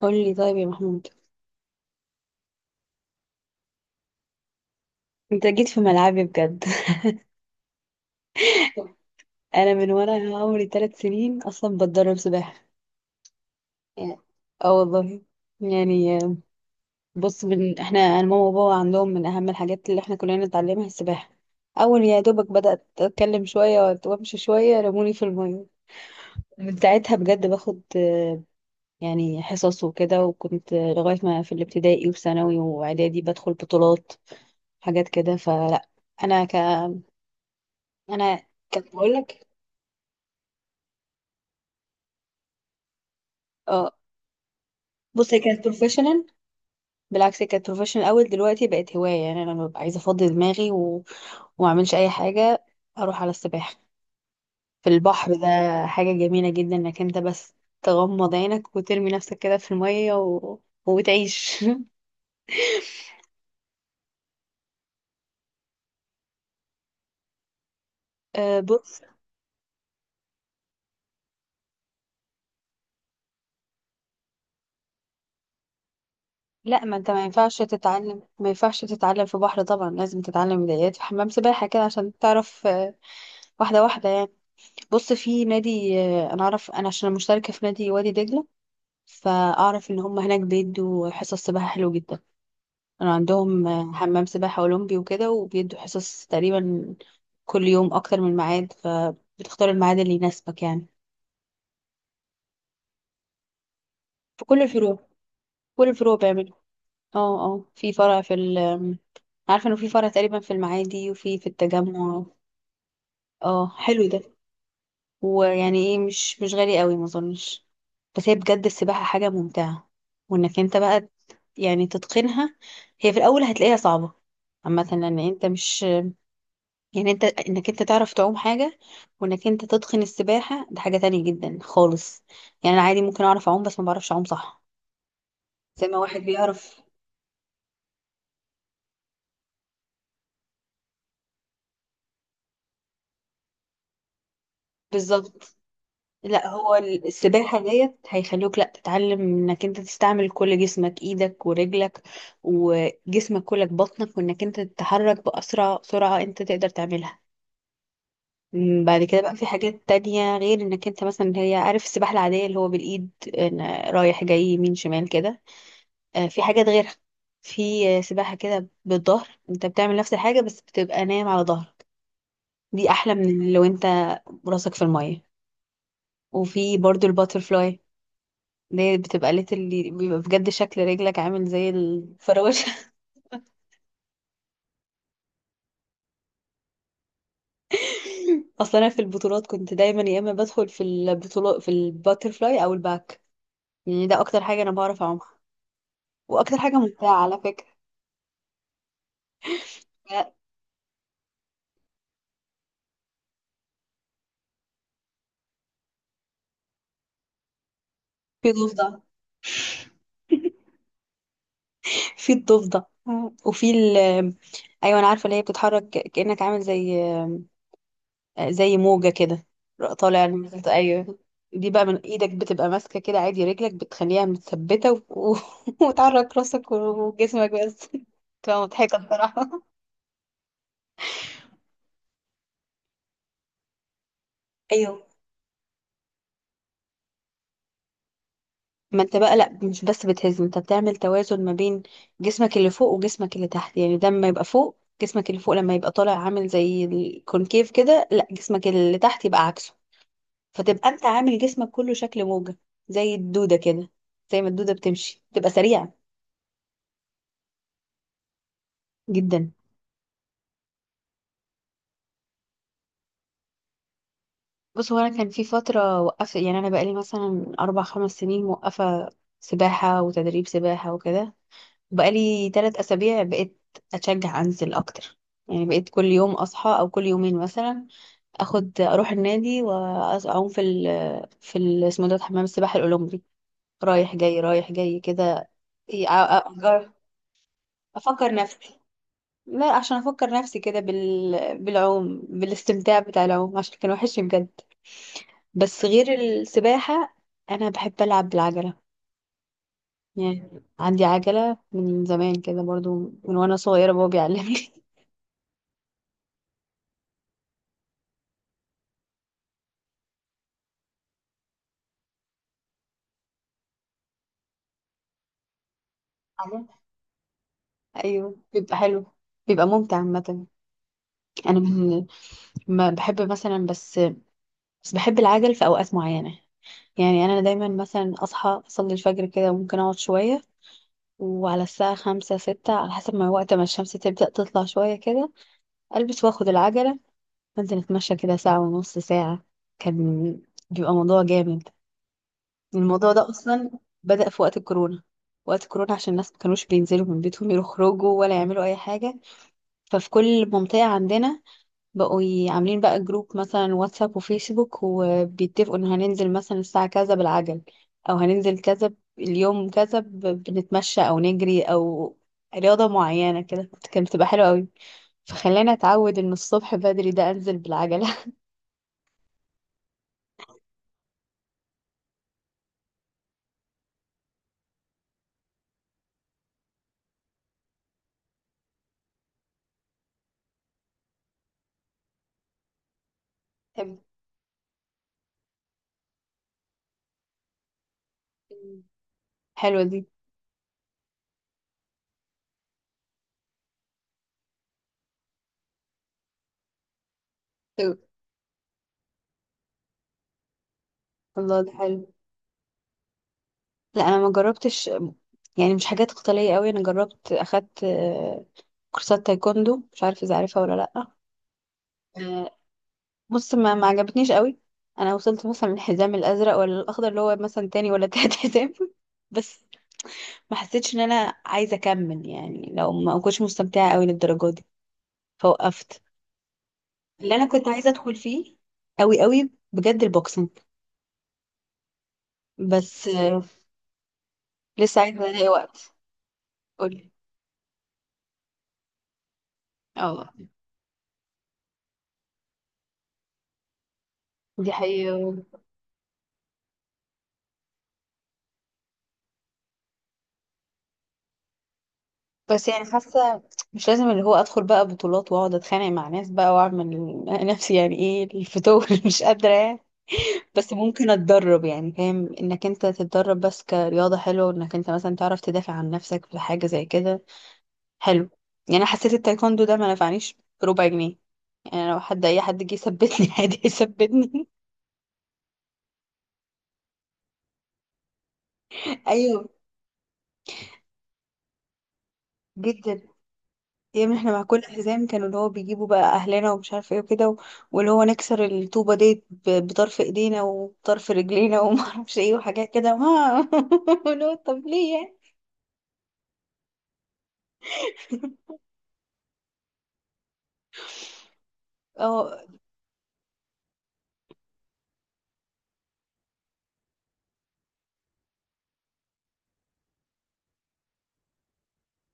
قولي طيب يا محمود. انت جيت في ملعبي بجد. انا من وانا عمري 3 سنين اصلا بتدرب سباحه. يعني- اه والله، يعني بص، من احنا انا ماما وبابا عندهم من اهم الحاجات اللي احنا كلنا نتعلمها السباحه. اول يا دوبك بدات اتكلم شويه وامشي شويه رموني في الميه. من ساعتها بجد باخد يعني حصص وكده، وكنت لغايه ما في الابتدائي وثانوي واعدادي بدخل بطولات، حاجات كده. فلا انا ك انا كنت بقول لك. آه بص، هي كانت بروفيشنال. بالعكس، هي كانت بروفيشنال الاول، دلوقتي بقت هوايه. يعني انا لما ببقى عايزه افضي دماغي وما اعملش اي حاجه، اروح على السباحه في البحر ده. حاجه جميله جدا انك انت بس تغمض عينك وترمي نفسك كده في الميه وتعيش. بص، لا، ما انت ما ينفعش تتعلم، ما ينفعش تتعلم في بحر. طبعا لازم تتعلم بدايات في حمام سباحه كده، عشان تعرف واحده واحده يعني. بص، في نادي، انا اعرف انا عشان مشتركه في نادي وادي دجله، فاعرف ان هم هناك بيدوا حصص سباحة حلو جدا. انا عندهم حمام سباحة اولمبي وكده، وبيدوا حصص تقريبا كل يوم اكتر من ميعاد، فبتختار الميعاد اللي يناسبك يعني. في كل الفروع، كل الفروع بيعملوا. اه، اه، في فرع في ال عارفة انه في فرع تقريبا في المعادي وفي التجمع. اه، حلو ده. ويعني ايه، مش غالي قوي ما اظنش. بس هي بجد السباحة حاجة ممتعة، وانك انت بقى يعني تتقنها. هي في الاول هتلاقيها صعبة عامة، لان انت مش يعني، انت انك انت تعرف تعوم حاجة، وانك انت تتقن السباحة ده حاجة تانية جدا خالص. يعني انا عادي ممكن اعرف اعوم بس ما بعرفش اعوم صح، زي ما واحد بيعرف. بالظبط. لا، هو السباحة ديت هيخلوك لا تتعلم انك انت تستعمل كل جسمك، ايدك ورجلك وجسمك كلك بطنك، وانك انت تتحرك بأسرع سرعة انت تقدر تعملها. بعد كده بقى في حاجات تانية، غير انك انت مثلا هي عارف السباحة العادية اللي هو بالإيد، إن رايح جاي يمين شمال كده. في حاجات غيرها. في سباحة كده بالظهر، انت بتعمل نفس الحاجة بس بتبقى نايم على ظهرك. دي أحلى من لو انت راسك في المية. وفي برضو الباترفلاي، اللي هي بتبقى ليت، اللي بيبقى بجد شكل رجلك عامل زي الفراوشة. اصلا انا في البطولات كنت دايما يا اما بدخل في البطولات في الباترفلاي او الباك. يعني ده اكتر حاجة انا بعرف اعومها، واكتر حاجة ممتعة على فكرة. لا، في ضفدع، في الضفدع، وفي ال ايوه، انا عارفة اللي هي بتتحرك كأنك عامل زي زي موجة كده، طالع نازل. ايوه. دي بقى من ايدك بتبقى ماسكة كده عادي، رجلك بتخليها متثبتة وتحرك راسك وجسمك بس. بتبقى مضحكة بصراحة. ايوه، ما انت بقى لا، مش بس بتهزم، انت بتعمل توازن ما بين جسمك اللي فوق وجسمك اللي تحت. يعني ده لما يبقى فوق، جسمك اللي فوق لما يبقى طالع عامل زي الكونكيف كده، لا جسمك اللي تحت يبقى عكسه. فتبقى انت عامل جسمك كله شكل موجة، زي الدودة كده، زي ما الدودة بتمشي تبقى سريعة. جدا. بص، هو انا كان في فترة وقفت، يعني انا بقالي مثلا اربع خمس سنين موقفة سباحة وتدريب سباحة وكده. بقالي 3 أسابيع بقيت أتشجع أنزل أكتر، يعني بقيت كل يوم أصحى أو كل يومين مثلا أخد أروح النادي وأعوم في ال اسمه ده، حمام السباحة الأولمبي، رايح جاي رايح جاي كده. إيه، أ- أ- أفكر، أفكر نفسي. لا عشان أفكر نفسي كده بالعوم، بالاستمتاع بتاع العوم، عشان كان وحشني بجد. بس غير السباحة، أنا بحب ألعب بالعجلة. يعني عندي عجلة من زمان كده برضو، من وأنا صغيرة بابا بيعلمني عليه. ايوه بيبقى حلو، بيبقى ممتع عامة. انا من، ما بحب مثلا بس، بس بحب العجل في اوقات معينة. يعني انا دايما مثلا اصحى اصلي الفجر كده، وممكن اقعد شوية وعلى الساعة خمسة ستة، على حسب ما وقت ما الشمس تبدأ تطلع شوية كده، ألبس وآخد العجلة وأنزل أتمشى كده ساعة ونص ساعة. كان بيبقى موضوع جامد. الموضوع ده أصلا بدأ في وقت الكورونا. وقت الكورونا عشان الناس ما كانوش بينزلوا من بيتهم يخرجوا ولا يعملوا أي حاجة، ففي كل منطقة عندنا بقوا عاملين بقى جروب مثلا واتساب وفيسبوك، وبيتفقوا ان هننزل مثلا الساعة كذا بالعجل، او هننزل كذا اليوم كذا بنتمشى او نجري، او رياضة معينة كده. كانت بتبقى حلوة قوي. فخلاني اتعود ان الصبح بدري ده انزل بالعجلة. حلو. حلوة دي. حلو. الله، ده حلو. لا انا ما جربتش، يعني مش حاجات قتالية قوي. انا جربت اخدت كورسات تايكوندو، مش عارفة اذا عارفها ولا لا. بص، ما عجبتنيش قوي. انا وصلت مثلا الحزام الازرق ولا الاخضر، اللي هو مثلا تاني ولا تالت، حزام. بس ما حسيتش ان انا عايزه اكمل، يعني لو ما كنتش مستمتعه قوي للدرجه دي، فوقفت. اللي انا كنت عايزه ادخل فيه قوي قوي بجد البوكسنج. بس لسه عايزه الاقي وقت. قولي. اه، دي حقيقة، بس يعني حاسه مش لازم اللي هو ادخل بقى بطولات واقعد اتخانق مع ناس بقى، واعمل نفسي يعني ايه الفتور. مش قادره يعني. بس ممكن اتدرب يعني، فاهم انك انت تتدرب بس كرياضة حلوة، انك انت مثلا تعرف تدافع عن نفسك في حاجة زي كده. حلو. يعني انا حسيت التايكوندو ده ما نفعنيش بربع جنيه. يعني لو حد اي حد جه يثبتني عادي يثبتني. ايوه، جدا. يعني احنا مع كل حزام كانوا اللي هو بيجيبوا بقى اهلنا ومش عارف ايه وكده واللي هو نكسر الطوبة دي بطرف ايدينا وطرف رجلينا، وما اعرفش ايه وحاجات كده. ما طب ليه يعني؟ اه،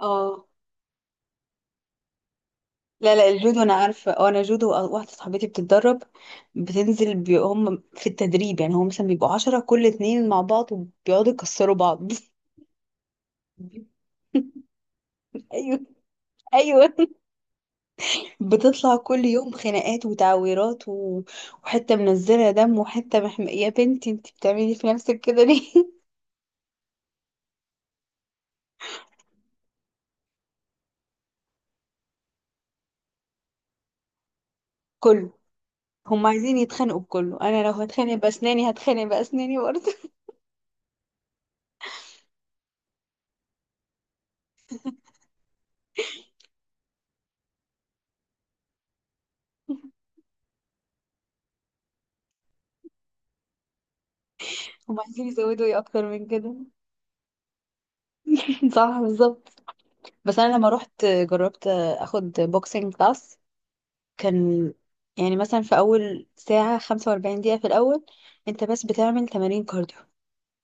اه، لا لا، الجودو انا عارفه. اه، انا جودو واحده صاحبتي بتتدرب، بتنزل هم في التدريب، يعني هم مثلا بيبقوا 10 كل اتنين مع بعض، وبيقعدوا يكسروا بعض. ايوه، ايوه. بتطلع كل يوم خناقات وتعويرات وحته منزله دم وحته يا بنتي انت بتعملي في نفسك كده ليه؟ كله. هم عايزين يتخانقوا بكله. انا لو هتخانق باسناني هتخانق باسناني برضه. هم عايزين يزودوا ايه اكتر من كده؟ صح، بالظبط. بس انا لما رحت جربت اخد بوكسينج كلاس، كان يعني مثلا في اول ساعة 45 دقيقة في الاول انت بس بتعمل تمارين كارديو.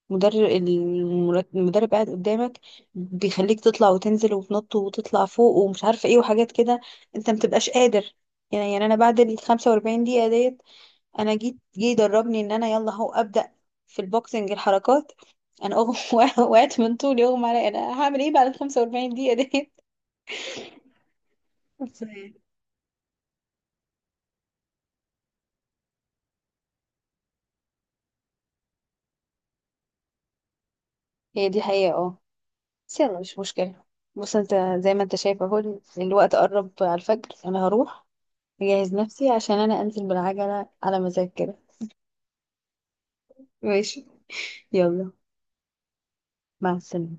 مدرب المدرب قاعد قدامك، بيخليك تطلع وتنزل وتنط وتطلع فوق ومش عارفة ايه وحاجات كده. انت متبقاش قادر. يعني انا بعد ال 45 دقيقة ديت، انا جيت جه يدربني ان انا يلا اهو ابدأ في البوكسنج الحركات. انا اغم وقعت من طولي اغمى عليا. انا هعمل ايه بعد ال 45 دقيقة ديت؟ هي دي حقيقة اه. بس يلا مش مشكلة. بص، انت زي ما انت شايف اهو، الوقت قرب على الفجر، انا هروح اجهز نفسي عشان انا انزل بالعجلة على مزاج كده. ماشي. يلا. مع السلامة.